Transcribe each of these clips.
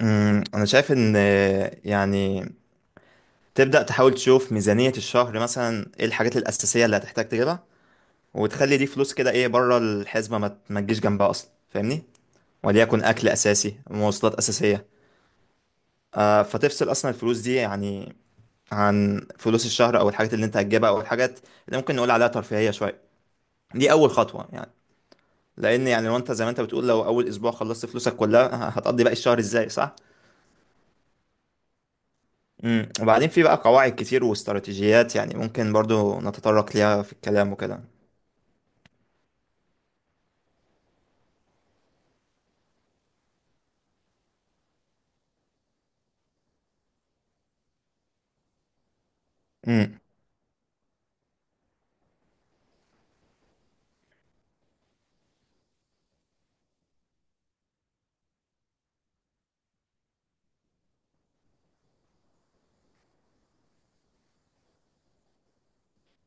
انا شايف ان يعني تبدأ تحاول تشوف ميزانية الشهر مثلا ايه الحاجات الأساسية اللي هتحتاج تجيبها، وتخلي دي فلوس كده ايه بره الحسبة ما تجيش جنبها اصلا، فاهمني؟ وليكن اكل اساسي، مواصلات أساسية. آه، فتفصل اصلا الفلوس دي يعني عن فلوس الشهر او الحاجات اللي انت هتجيبها او الحاجات اللي ممكن نقول عليها ترفيهية شوية. دي اول خطوة يعني. لان يعني لو انت زي ما انت بتقول، لو اول اسبوع خلصت فلوسك كلها هتقضي باقي الشهر ازاي؟ صح. امم، وبعدين في بقى قواعد كتير واستراتيجيات يعني ممكن برضو نتطرق ليها في الكلام وكده. امم.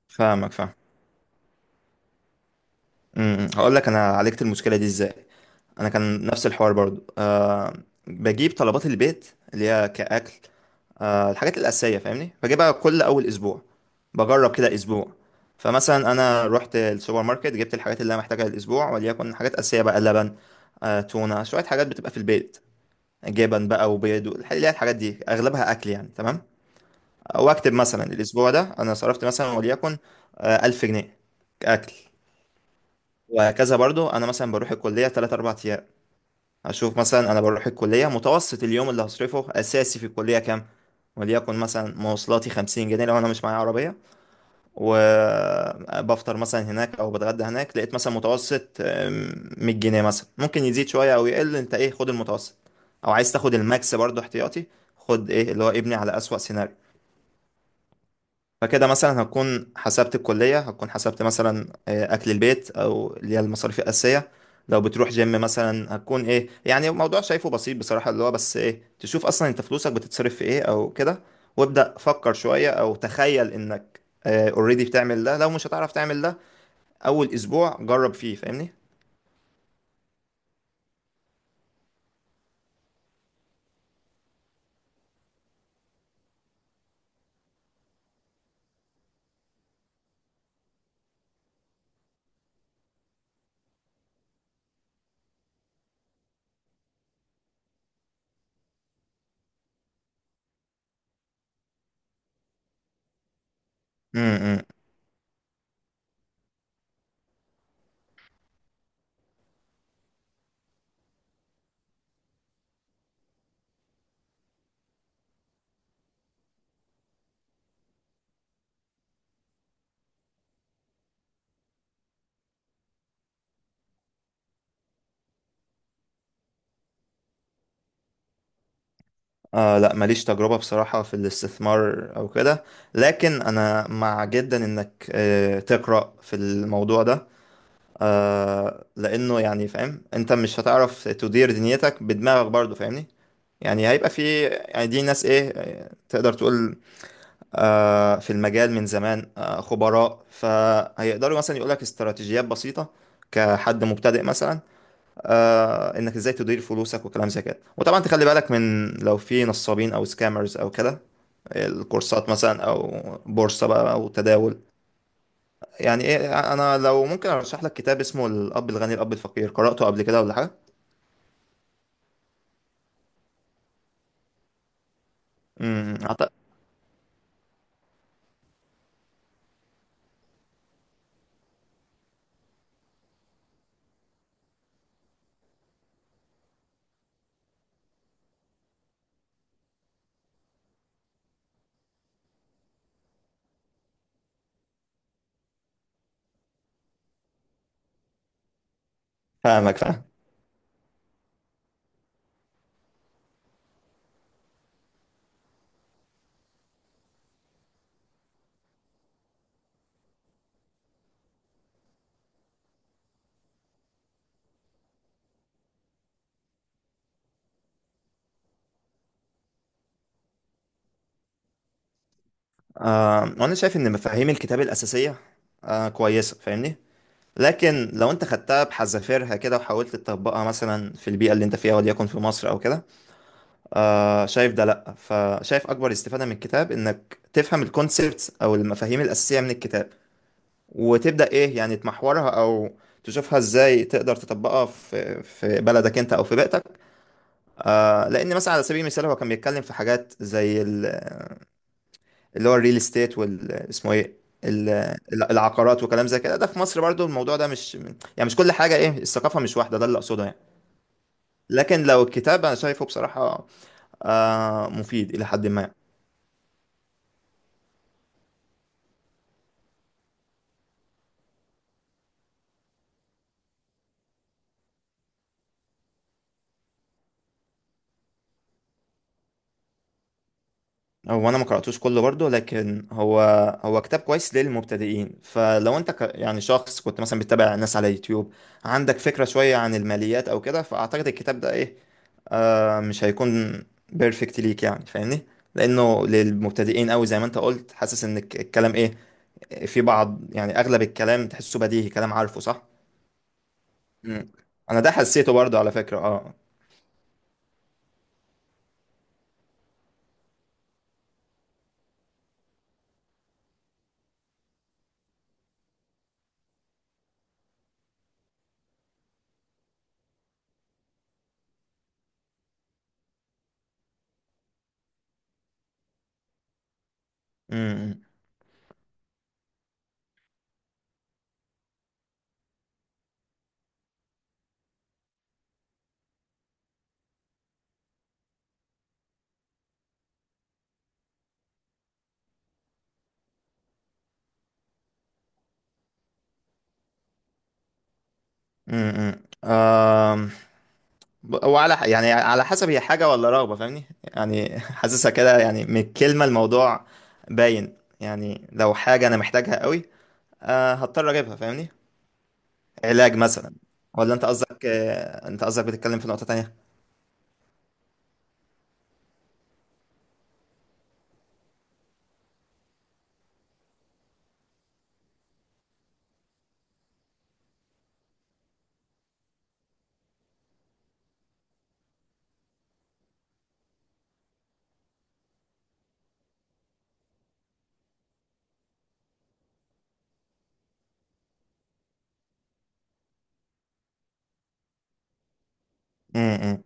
فاهمك، فاهم. امم، هقول لك انا عالجت المشكله دي ازاي. انا كان نفس الحوار برضو، أه. بجيب طلبات البيت اللي هي كاكل، أه الحاجات الاساسيه، فاهمني؟ بجيبها كل اول اسبوع. بجرب كده اسبوع. فمثلا انا رحت السوبر ماركت، جبت الحاجات اللي انا محتاجها الاسبوع، وليكن حاجات اساسيه بقى: لبن، أه تونه، شويه حاجات بتبقى في البيت، جبن بقى، وبيض، اللي هي الحاجات دي اغلبها اكل يعني، تمام. واكتب مثلا الاسبوع ده انا صرفت مثلا وليكن 1000 جنيه اكل. وهكذا. برضو انا مثلا بروح الكليه 3 4 ايام، اشوف مثلا انا بروح الكليه متوسط اليوم اللي هصرفه اساسي في الكليه كام. وليكن مثلا مواصلاتي 50 جنيه لو انا مش معايا عربيه، وبفطر مثلا هناك او بتغدى هناك، لقيت مثلا متوسط 100 جنيه مثلا، ممكن يزيد شويه او يقل. انت ايه، خد المتوسط او عايز تاخد الماكس برضو احتياطي، خد ايه اللي هو ابني على اسوأ سيناريو. فكده مثلا هكون حسبت الكلية، هكون حسبت مثلا أكل البيت، أو اللي هي المصاريف الأساسية. لو بتروح جيم مثلا هتكون إيه. يعني الموضوع شايفه بسيط بصراحة، اللي هو بس إيه، تشوف أصلا أنت فلوسك بتتصرف في إيه أو كده، وابدأ فكر شوية أو تخيل إنك اوريدي بتعمل ده. لو مش هتعرف تعمل ده، أول أسبوع جرب فيه. فاهمني؟ امم. آه، لا، ماليش تجربة بصراحة في الاستثمار أو كده، لكن أنا مع جدا إنك آه تقرأ في الموضوع ده، آه، لانه يعني فاهم انت مش هتعرف تدير دنيتك بدماغك برضو، فاهمني؟ يعني هيبقى في، يعني دي ناس ايه، تقدر تقول آه في المجال من زمان، آه خبراء، فهيقدروا مثلا يقولك استراتيجيات بسيطة كحد مبتدئ مثلا، آه انك ازاي تدير فلوسك وكلام زي كده. وطبعا تخلي بالك من لو في نصابين او سكامرز او كده، الكورسات مثلا او بورصة بقى او تداول. يعني ايه، انا لو ممكن ارشح لك كتاب اسمه الاب الغني الاب الفقير، قرأته قبل كده ولا حاجه؟ امم أعتقد- فاهمك، فاهم. آه، وانا شايف ان مفاهيم الكتاب الاساسيه آه كويسه، فاهمني؟ لكن لو انت خدتها بحذافيرها كده وحاولت تطبقها مثلا في البيئه اللي انت فيها وليكن في مصر او كده، آه شايف ده لا. فشايف اكبر استفاده من الكتاب انك تفهم الكونسبتس او المفاهيم الاساسيه من الكتاب، وتبدا ايه يعني تمحورها او تشوفها ازاي تقدر تطبقها في في بلدك انت او في بيئتك. آه، لان مثلا على سبيل المثال هو كان بيتكلم في حاجات زي اللي هو الريل استيت، وال اسمه ايه، ال- العقارات وكلام زي كده. ده في مصر برضو الموضوع ده مش، يعني مش كل حاجه ايه، الثقافه مش واحده، ده اللي اقصده يعني. لكن لو الكتاب انا شايفه بصراحه آه مفيد الى حد ما. هو انا ما قراتوش كله برضو، لكن هو هو كتاب كويس للمبتدئين. فلو انت ك يعني شخص كنت مثلا بتتابع ناس على يوتيوب، عندك فكره شويه عن الماليات او كده، فاعتقد الكتاب ده ايه آه مش هيكون بيرفكت ليك يعني، فاهمني؟ لانه للمبتدئين قوي. زي ما انت قلت، حاسس ان الكلام ايه في بعض، يعني اغلب الكلام تحسه بديهي، كلام عارفه، صح. مم. انا ده حسيته برضه على فكرة، اه. امم. امم، آم، وعلى يعني على حسب هي حاجة ولا رغبة، فاهمني يعني حاسسها كده، يعني من الكلمة الموضوع باين يعني. لو حاجة أنا محتاجها قوي آه هضطر أجيبها، فاهمني؟ علاج مثلا. ولا أنت قصدك آه أنت قصدك بتتكلم في نقطة تانية؟ امم.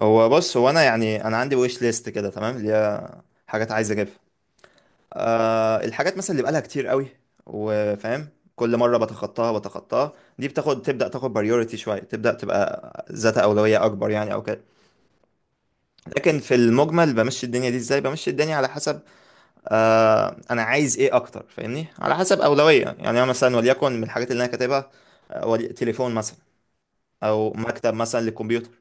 هو بص، هو انا يعني انا عندي ويش ليست كده، تمام، اللي هي حاجات عايز اجيبها. آه الحاجات مثلا اللي بقالها كتير قوي وفاهم كل مره بتخطاها بتخطاها، دي بتاخد، تبدا تاخد بريوريتي شويه، تبدا تبقى ذات اولويه اكبر يعني او كده. لكن في المجمل بمشي الدنيا دي ازاي، بمشي الدنيا على حسب آه انا عايز ايه اكتر، فاهمني؟ على حسب اولويه. يعني انا مثلا وليكن من الحاجات اللي انا كاتبها تليفون مثلا، او مكتب مثلا للكمبيوتر،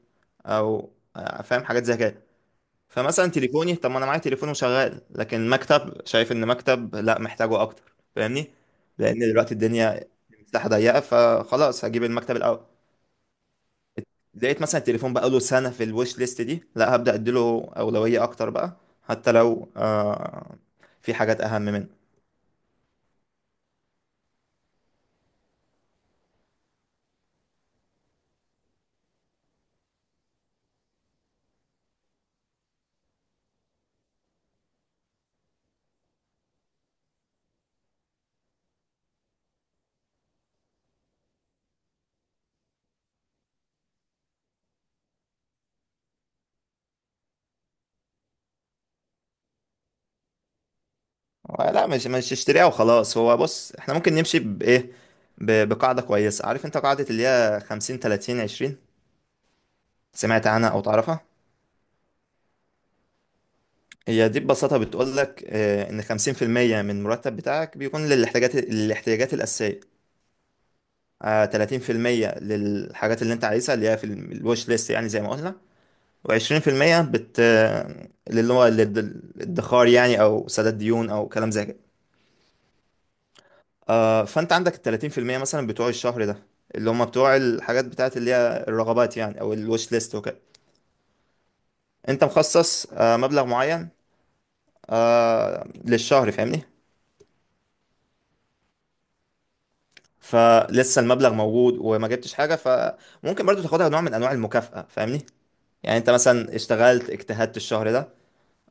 او فاهم حاجات زي كده. فمثلا تليفوني، طب ما انا معايا تليفون وشغال، لكن مكتب شايف ان مكتب لا محتاجه اكتر، فاهمني؟ لان دلوقتي الدنيا مساحه ضيقه، فخلاص هجيب المكتب الاول. لقيت مثلا التليفون بقى له سنه في الويش ليست دي، لا هبدا اديله اولويه اكتر بقى، حتى لو آه في حاجات اهم منه. لا، مش اشتريها وخلاص. هو بص، احنا ممكن نمشي بايه، بقاعده كويسه، عارف انت قاعده اللي هي 50 30 20؟ سمعت عنها او تعرفها؟ هي دي ببساطة بتقول لك إن خمسين في المية من المرتب بتاعك بيكون للاحتياجات، الأساسية، تلاتين في المية للحاجات اللي أنت عايزها اللي هي في الوش ليست، يعني زي ما قلنا، وعشرين في المية بت آه، اللي هو الادخار يعني، أو سداد ديون أو كلام زي كده. فأنت عندك التلاتين في المية مثلا بتوع الشهر ده، اللي هم بتوع الحاجات بتاعت اللي هي الرغبات يعني، أو الوش ليست وكده، أنت مخصص مبلغ معين للشهر، فاهمني؟ فلسه المبلغ موجود وما جبتش حاجه، فممكن برضو تاخدها نوع من انواع المكافاه، فاهمني؟ يعني انت مثلا اشتغلت، اجتهدت الشهر ده،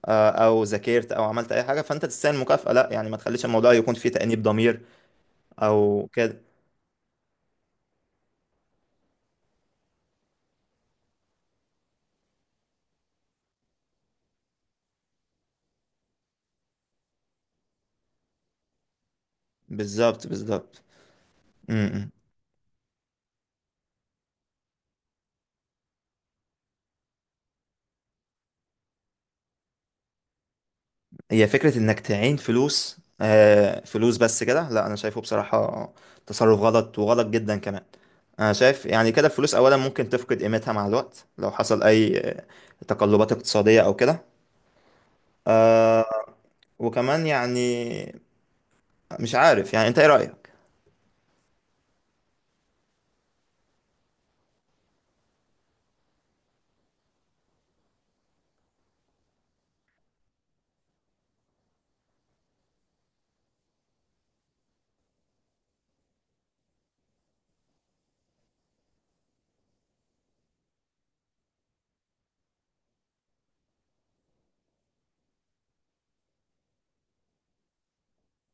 او ذاكرت او عملت اي حاجه، فانت تستاهل مكافاه. لا يعني ما تخليش الموضوع يكون فيه تانيب ضمير او كده. بالظبط، بالظبط. م-م. هي فكره انك تعين فلوس فلوس بس كده، لا انا شايفه بصراحه تصرف غلط، وغلط جدا كمان. انا شايف يعني كده الفلوس اولا ممكن تفقد قيمتها مع الوقت لو حصل اي تقلبات اقتصاديه او كده. آه، وكمان يعني مش عارف يعني انت ايه رأيك؟